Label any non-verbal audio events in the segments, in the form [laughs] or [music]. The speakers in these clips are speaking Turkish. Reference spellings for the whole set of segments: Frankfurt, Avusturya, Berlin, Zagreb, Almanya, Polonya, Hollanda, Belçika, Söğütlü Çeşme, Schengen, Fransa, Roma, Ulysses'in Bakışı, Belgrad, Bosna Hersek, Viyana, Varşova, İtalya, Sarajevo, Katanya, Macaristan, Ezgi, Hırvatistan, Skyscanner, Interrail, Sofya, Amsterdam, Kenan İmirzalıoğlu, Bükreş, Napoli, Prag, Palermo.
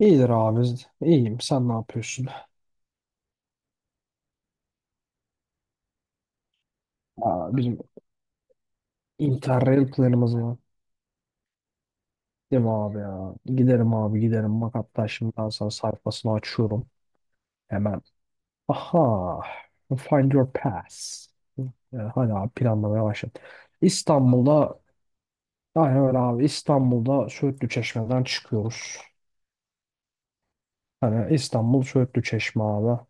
İyidir abi. İyiyim. Sen ne yapıyorsun? Aa, bizim Interrail planımız var. Değil mi abi ya? Giderim abi giderim. Bak hatta şimdi ben sana sayfasını açıyorum. Hemen. Aha. Find your pass. Hadi abi planlamaya başladım. İstanbul'da aynen öyle abi. İstanbul'da Söğütlü Çeşme'den çıkıyoruz. Hani İstanbul Söğütlü Çeşme abi.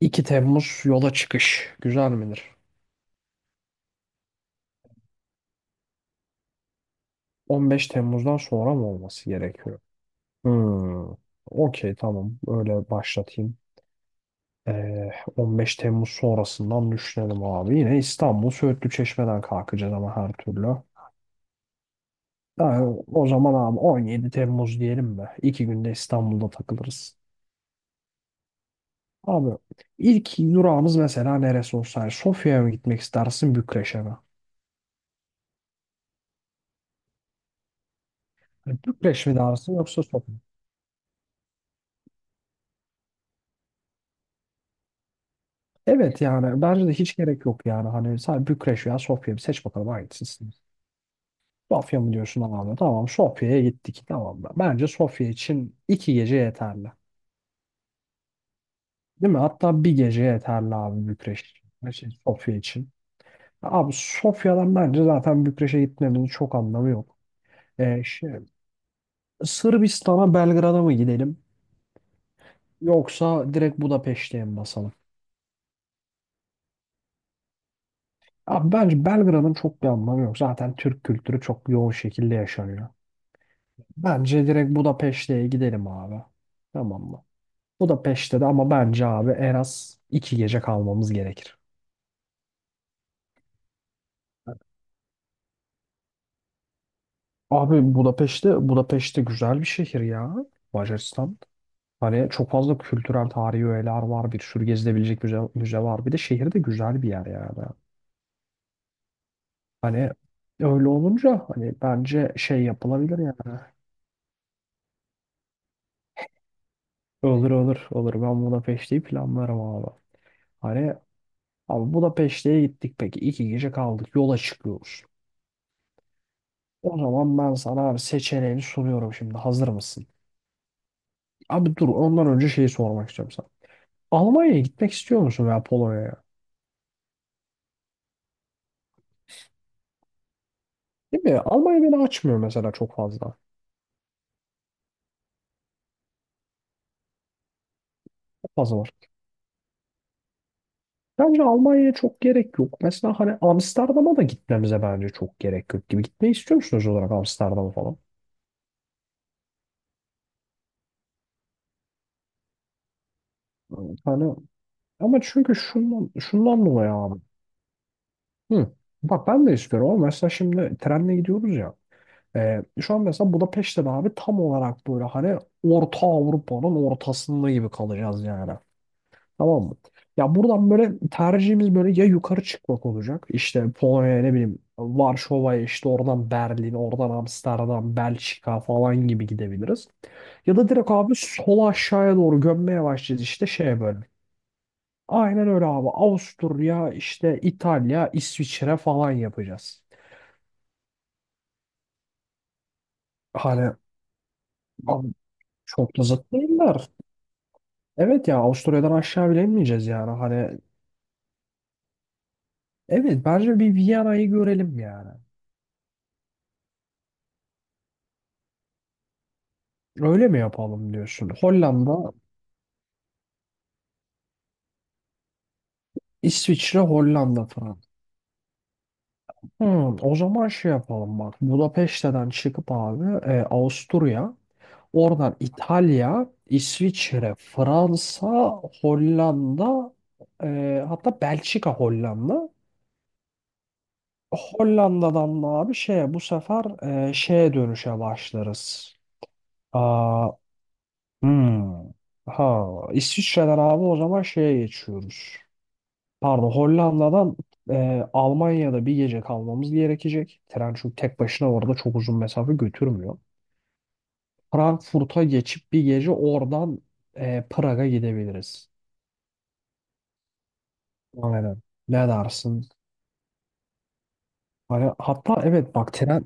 2 Temmuz yola çıkış. Güzel midir? 15 Temmuz'dan sonra mı olması gerekiyor? Hmm. Okey, tamam. Öyle başlatayım. Ee, 15 Temmuz sonrasından düşünelim abi. Yine İstanbul Söğütlü Çeşme'den kalkacağız ama her türlü. Ha, o zaman abi 17 Temmuz diyelim mi? 2 günde İstanbul'da takılırız. Abi ilk durağımız mesela neresi olsa yani, Sofya'ya mı gitmek istersin Bükreş'e mi? Hani Bükreş mi dersin yoksa Sofya mı? Evet yani bence de hiç gerek yok yani. Hani sadece Bükreş veya Sofya, bir seç bakalım hangisi. Sofya mı diyorsun abi? Tamam, Sofya'ya gittik. Tamam mı? Bence Sofya için 2 gece yeterli. Değil mi? Hatta bir gece yeterli abi Bükreş için. Her şey Sofya için. Abi Sofya'dan bence zaten Bükreş'e gitmemizin çok anlamı yok. Ee, şey, Sırbistan'a, Belgrad'a mı gidelim? Yoksa direkt Budapeşte'ye mi basalım? Abi bence Belgrad'ın çok bir anlamı yok. Zaten Türk kültürü çok yoğun şekilde yaşanıyor. Bence direkt Budapeşte'ye gidelim abi. Tamam mı? Budapeşte de ama bence abi en az 2 gece kalmamız gerekir. Abi Budapeşte, Budapeşte güzel bir şehir ya. Macaristan. Hani çok fazla kültürel tarihi öğeler var. Bir sürü gezilebilecek müze, müze var. Bir de şehir de güzel bir yer yani. Hani öyle olunca hani bence şey yapılabilir yani. Olur olur olur. Ben Budapeşte'yi planlarım abi. Hani abi Budapeşte'ye gittik peki. 2 gece kaldık. Yola çıkıyoruz. O zaman ben sana abi seçeneğini sunuyorum şimdi. Hazır mısın? Abi dur, ondan önce şeyi sormak istiyorum sana. Almanya'ya gitmek istiyor musun veya Polonya'ya? Değil mi? Almanya beni açmıyor mesela çok fazla. Çok fazla var. Bence Almanya'ya çok gerek yok. Mesela hani Amsterdam'a da gitmemize bence çok gerek yok gibi. Gitmeyi istiyor musunuz olarak Amsterdam'a falan? Hani ama çünkü şundan dolayı abi. Hı. Bak ben de istiyorum ama mesela şimdi trenle gidiyoruz ya. Şu an mesela Budapeşte'de abi tam olarak böyle hani Orta Avrupa'nın ortasında gibi kalacağız yani. Tamam mı? Ya buradan böyle tercihimiz böyle ya yukarı çıkmak olacak. İşte Polonya'ya ne bileyim Varşova'ya, işte oradan Berlin, oradan Amsterdam, Belçika falan gibi gidebiliriz. Ya da direkt abi sola aşağıya doğru gömmeye başlayacağız işte şeye böyle. Aynen öyle abi. Avusturya, işte İtalya, İsviçre falan yapacağız. Hani abi çok da zıt değiller. Evet ya, Avusturya'dan aşağı bile inmeyeceğiz yani. Hani evet, bence bir Viyana'yı görelim yani. Öyle mi yapalım diyorsun? Hollanda, İsviçre, Hollanda, Fransa. Hmm, o zaman şey yapalım bak. Budapeşte'den çıkıp abi Avusturya, oradan İtalya, İsviçre, Fransa, Hollanda, hatta Belçika, Hollanda. Hollanda'dan da abi şeye bu sefer şeye dönüşe başlarız. Aa, hmm. Ha, İsviçre'den abi o zaman şeye geçiyoruz. Pardon, Hollanda'dan Almanya'da bir gece kalmamız gerekecek. Tren çünkü tek başına orada çok uzun mesafe götürmüyor. Frankfurt'a geçip bir gece oradan Prag'a gidebiliriz. Aynen. Ne dersin? Hani hatta evet, bak, tren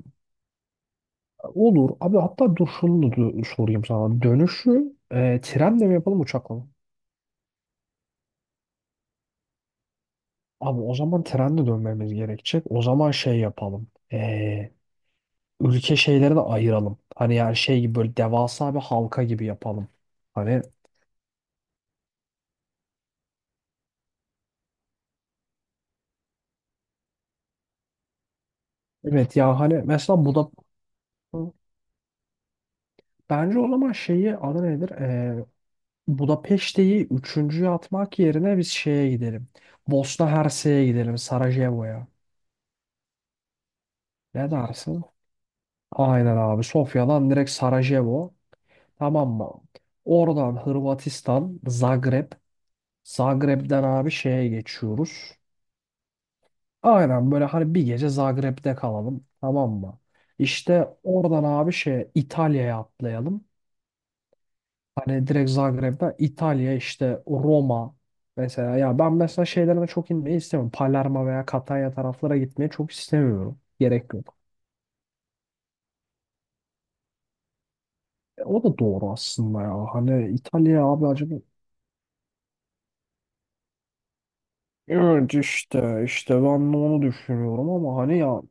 olur. Abi hatta dur şunu da sorayım sana. Dönüşü trenle mi yapalım uçakla mı? Abi o zaman trenle dönmemiz gerekecek. O zaman şey yapalım. Ülke şeyleri de ayıralım. Hani yani şey gibi böyle devasa bir halka gibi yapalım. Hani evet ya hani mesela bence o zaman şeyi adı nedir? Budapeşte'yi üçüncüye atmak yerine biz şeye gidelim. Bosna Hersek'e gidelim, Sarajevo'ya. Ne dersin? Aynen abi, Sofya'dan direkt Sarajevo. Tamam mı? Oradan Hırvatistan, Zagreb. Zagreb'den abi şeye geçiyoruz. Aynen böyle hani bir gece Zagreb'de kalalım, tamam mı? İşte oradan abi şey İtalya'ya atlayalım. Hani direkt Zagreb'den İtalya, işte Roma mesela ya, ben mesela şeylerine çok inmeyi istemiyorum. Palermo veya Katanya taraflara gitmeyi çok istemiyorum. Gerek yok. O da doğru aslında ya. Hani İtalya abi acaba. Evet, işte işte ben de onu düşünüyorum ama hani ya.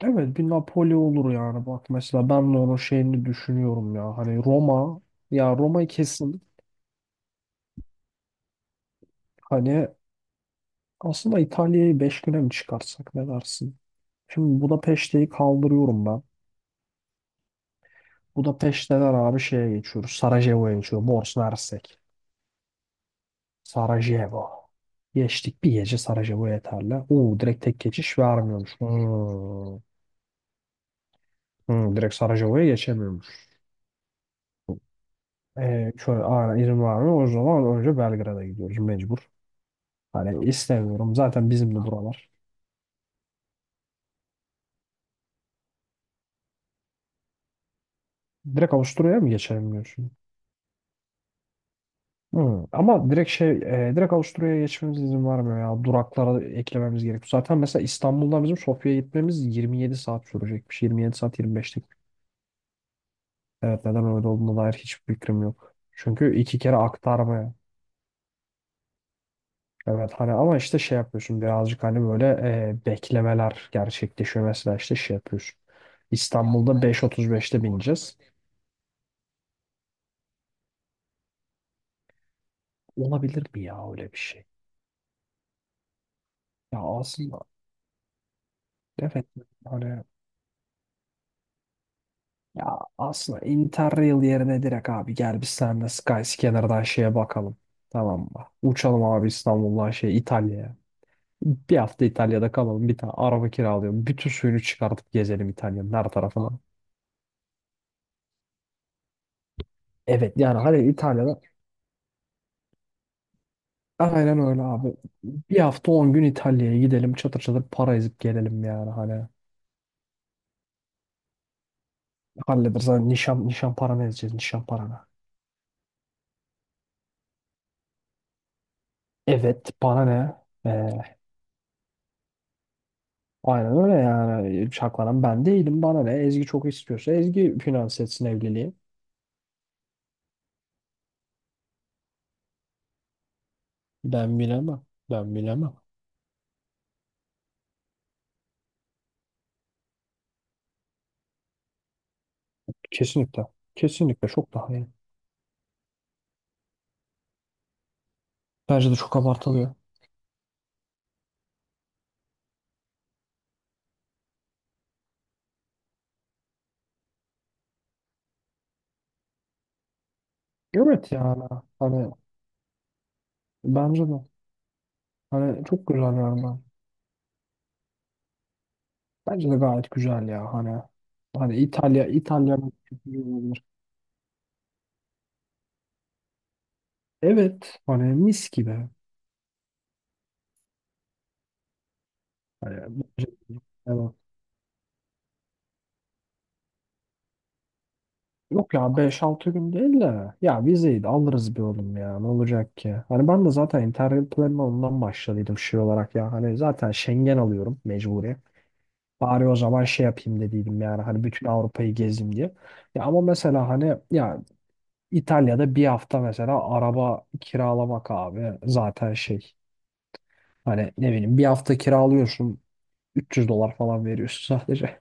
Evet, bir Napoli olur yani, bak mesela ben de onun şeyini düşünüyorum ya hani Roma, ya Roma'yı kesin hani aslında İtalya'yı 5 güne mi çıkarsak, ne dersin? Şimdi Budapeşte'yi kaldırıyorum ben. Budapeşte'den abi şeye geçiyoruz. Sarajevo'ya geçiyoruz. Bosna Hersek. Sarajevo. Geçtik, bir gece Sarajevo yeterli. Oo, direkt tek geçiş vermiyormuş. Hmm. Hmm, direkt Sarajevo'ya geçemiyormuş. Şöyle aynen izin vermiyor. O zaman önce Belgrad'a gidiyoruz mecbur. Hani istemiyorum. Zaten bizim de buralar. Direkt Avusturya'ya mı geçelim diyorsun? Hı. Ama direkt Avusturya'ya geçmemiz izin vermiyor ya. Duraklara eklememiz gerekiyor. Zaten mesela İstanbul'dan bizim Sofya'ya gitmemiz 27 saat sürecekmiş. 27 saat 25'lik. Evet, neden öyle olduğuna dair hiçbir fikrim yok. Çünkü 2 kere aktarmaya. Evet, hani ama işte şey yapıyorsun birazcık hani böyle beklemeler gerçekleşiyor. Mesela işte şey yapıyorsun. İstanbul'da 5:35'te bineceğiz. Olabilir mi ya öyle bir şey? Ya aslında. Evet. Hani ya aslında Interrail yerine direkt abi gel biz seninle Skyscanner'dan şeye bakalım. Tamam mı? Uçalım abi İstanbul'dan şey İtalya'ya. Bir hafta İtalya'da kalalım. Bir tane araba kiralayalım. Bütün suyunu çıkartıp gezelim İtalya'nın her tarafına. Evet yani hani İtalya'da aynen öyle abi. Bir hafta 10 gün İtalya'ya gidelim. Çatır çatır para ezip gelelim yani hani. Hallederiz. Hani nişan, nişan paranı ezeceğiz. Nişan paranı. Evet, para ne? Ee, Aynen öyle yani. Şaklanan ben değilim. Bana ne? Ezgi çok istiyorsa Ezgi finanse etsin evliliği. Ben bilemem. Ben bilemem. Kesinlikle. Kesinlikle çok daha iyi. Bence de çok abartılıyor. Evet yani. Hani bence de. Hani çok güzel yani. Ben. Bence de gayet güzel ya. hani İtalya, İtalya'nın kültürü olabilir. Evet. Hani mis gibi. Hani evet. Yok ya 5-6 gün değil de ya, vizeyi de alırız bir oğlum, ya ne olacak ki? Hani ben de zaten Interrail planına ondan başladıydım şey olarak ya, hani zaten Schengen alıyorum mecburi. Bari o zaman şey yapayım dediydim yani hani bütün Avrupa'yı gezeyim diye. Ya ama mesela hani ya İtalya'da bir hafta mesela araba kiralamak abi zaten şey hani ne bileyim bir hafta kiralıyorsun 300 dolar falan veriyorsun sadece.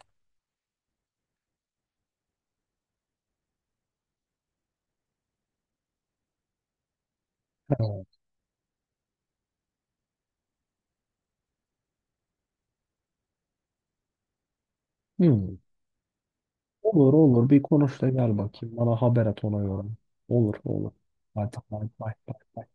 [laughs] Hmm. Olur olur bir konuş da gel bakayım. Bana haber et ona göre. Olur olur. Hadi bay bay bay.